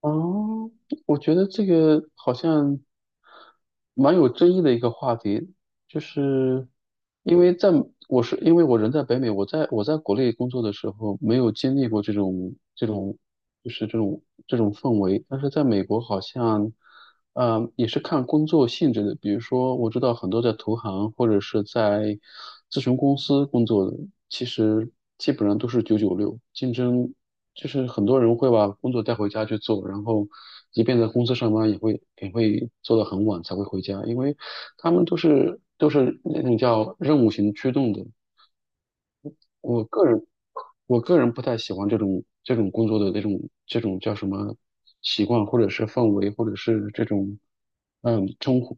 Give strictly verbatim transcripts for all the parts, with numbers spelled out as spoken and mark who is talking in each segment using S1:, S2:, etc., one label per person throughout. S1: 哦，我觉得这个好像蛮有争议的一个话题，就是因为在我是因为我人在北美，我在我在国内工作的时候没有经历过这种这种就是这种这种氛围，但是在美国好像，呃，也是看工作性质的，比如说我知道很多在投行或者是在咨询公司工作的，其实基本上都是九九六，竞争。就是很多人会把工作带回家去做，然后即便在公司上班，也会也会做到很晚才会回家，因为他们都是都是那种叫任务型驱动的。我个人我个人不太喜欢这种这种工作的这种这种叫什么习惯，或者是氛围，或者是这种嗯称呼。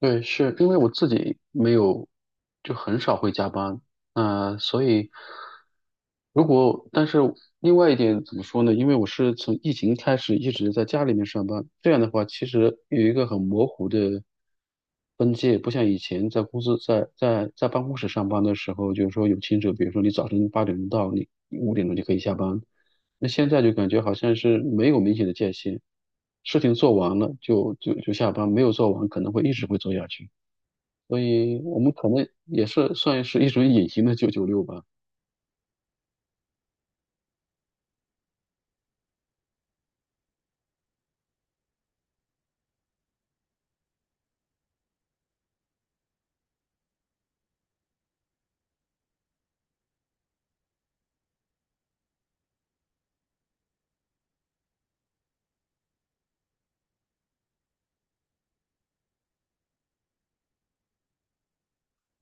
S1: 对，是因为我自己没有，就很少会加班，呃，所以如果，但是另外一点怎么说呢？因为我是从疫情开始一直在家里面上班，这样的话其实有一个很模糊的分界，不像以前在公司在在在办公室上班的时候，就是说有清楚，比如说你早晨八点钟到，你五点钟就可以下班，那现在就感觉好像是没有明显的界限，事情做完了就就就下班，没有做完可能会一直会做下去，所以我们可能也是算是一种隐形的九九六吧。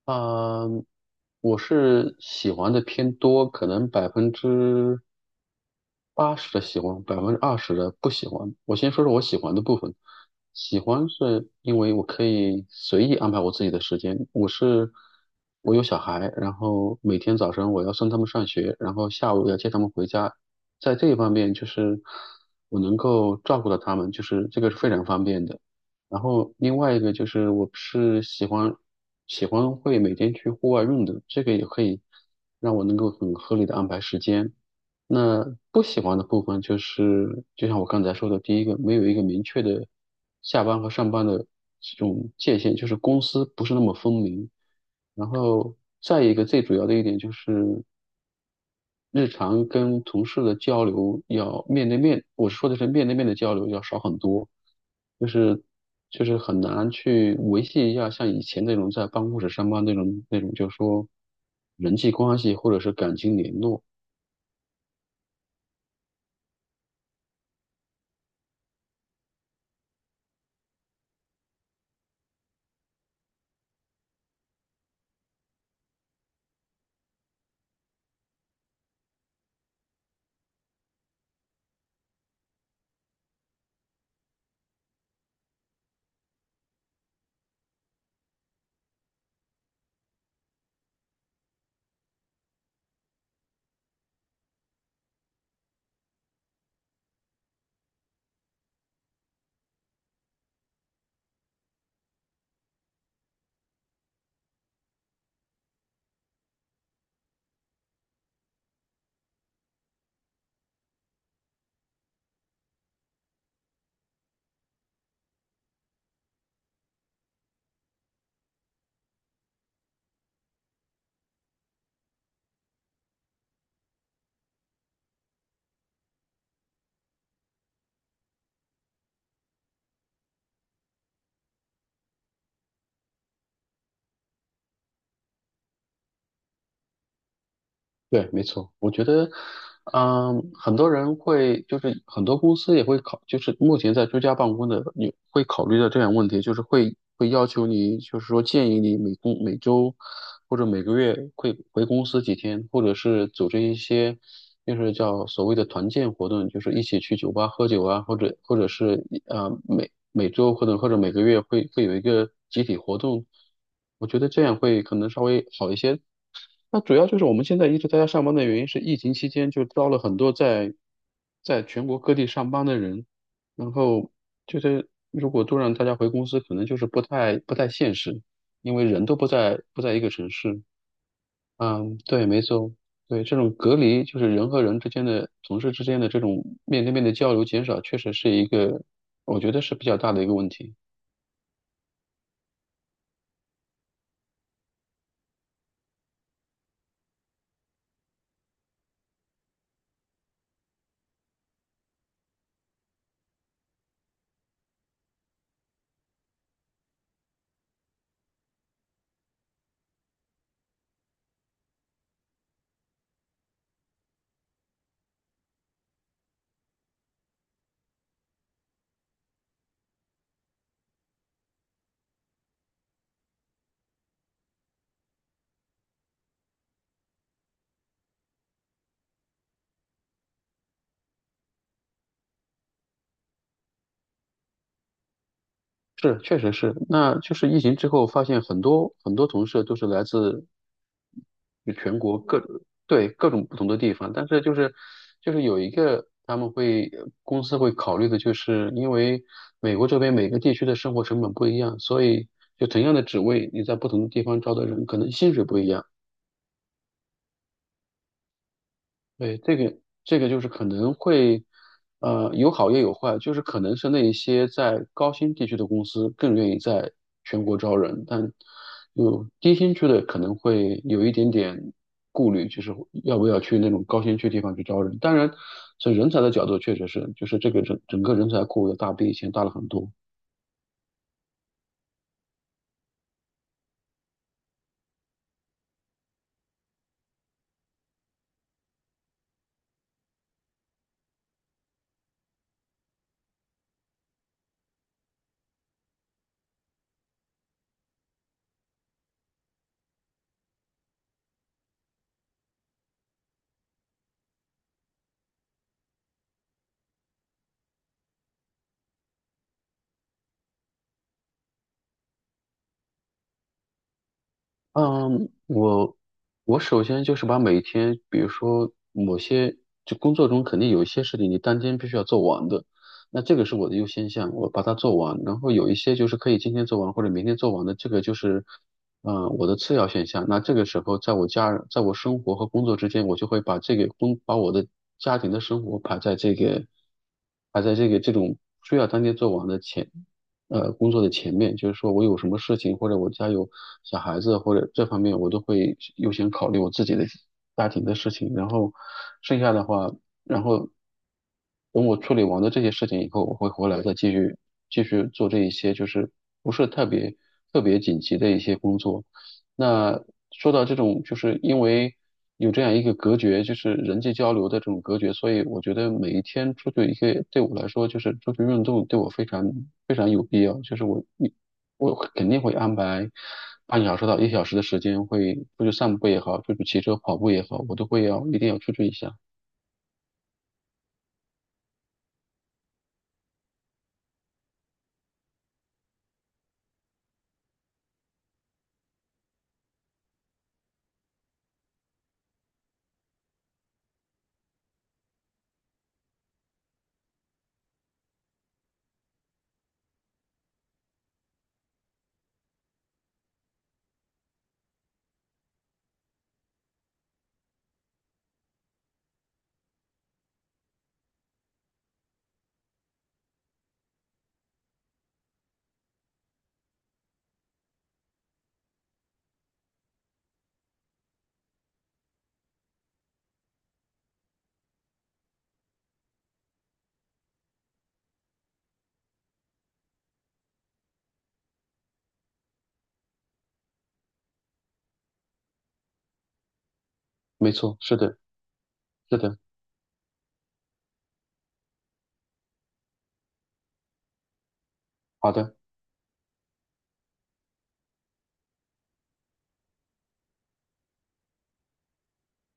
S1: 啊、我是喜欢的偏多，可能百分之八十的喜欢，百分之二十的不喜欢。我先说说我喜欢的部分。喜欢是因为我可以随意安排我自己的时间。我是我有小孩，然后每天早晨我要送他们上学，然后下午要接他们回家。在这一方面，就是我能够照顾到他们，就是这个是非常方便的。然后另外一个就是我是喜欢喜欢会每天去户外运动，这个也可以让我能够很合理的安排时间。那不喜欢的部分就是，就像我刚才说的，第一个没有一个明确的下班和上班的这种界限，就是公司不是那么分明。然后再一个最主要的一点就是日常跟同事的交流要面对面，我说的是面对面的交流要少很多，就是就是很难去维系一下像以前那种在办公室上班那种那种，就是说人际关系或者是感情联络。对，没错，我觉得，嗯，很多人会，就是很多公司也会考，就是目前在居家办公的，你会考虑到这样问题，就是会会要求你，就是说建议你每公每周或者每个月会回公司几天，或者是组织一些，就是叫所谓的团建活动，就是一起去酒吧喝酒啊，或者或者是呃每每周或者或者每个月会会有一个集体活动，我觉得这样会可能稍微好一些。那主要就是我们现在一直在家上班的原因是，疫情期间就招了很多在在全国各地上班的人，然后就是如果都让大家回公司，可能就是不太不太现实，因为人都不在不在一个城市。嗯，对，没错，对，这种隔离就是人和人之间的、同事之间的这种面对面的交流减少，确实是一个我觉得是比较大的一个问题。是，确实是。那就是疫情之后，发现很多很多同事都是来自就全国各对，各种不同的地方，但是就是就是有一个他们会公司会考虑的，就是因为美国这边每个地区的生活成本不一样，所以就同样的职位，你在不同的地方招的人，可能薪水不一样。对，这个这个就是可能会，呃，有好也有坏，就是可能是那一些在高新地区的公司更愿意在全国招人，但有低新区的可能会有一点点顾虑，就是要不要去那种高新区地方去招人。当然，从人才的角度，确实是，就是这个整整个人才库要大比以前大了很多。嗯，我我首先就是把每天，比如说某些就工作中肯定有一些事情你当天必须要做完的，那这个是我的优先项，我把它做完。然后有一些就是可以今天做完或者明天做完的，这个就是，嗯、呃我的次要选项。那这个时候，在我家人，在我生活和工作之间，我就会把这个工，把我的家庭的生活排在这个，排在这个这种需要当天做完的前。呃工作的前面，就是说我有什么事情，或者我家有小孩子，或者这方面，我都会优先考虑我自己的家庭的事情。然后剩下的话，然后等我处理完了这些事情以后，我会回来再继续继续做这一些，就是不是特别特别紧急的一些工作。那说到这种，就是因为有这样一个隔绝，就是人际交流的这种隔绝，所以我觉得每一天出去一个，对我来说就是出去运动，对我非常非常有必要。就是我一我肯定会安排半个小时到一小时的时间，会出去散步也好，出去骑车、跑步也好，我都会要一定要出去一下。没错，是的，是的，好的。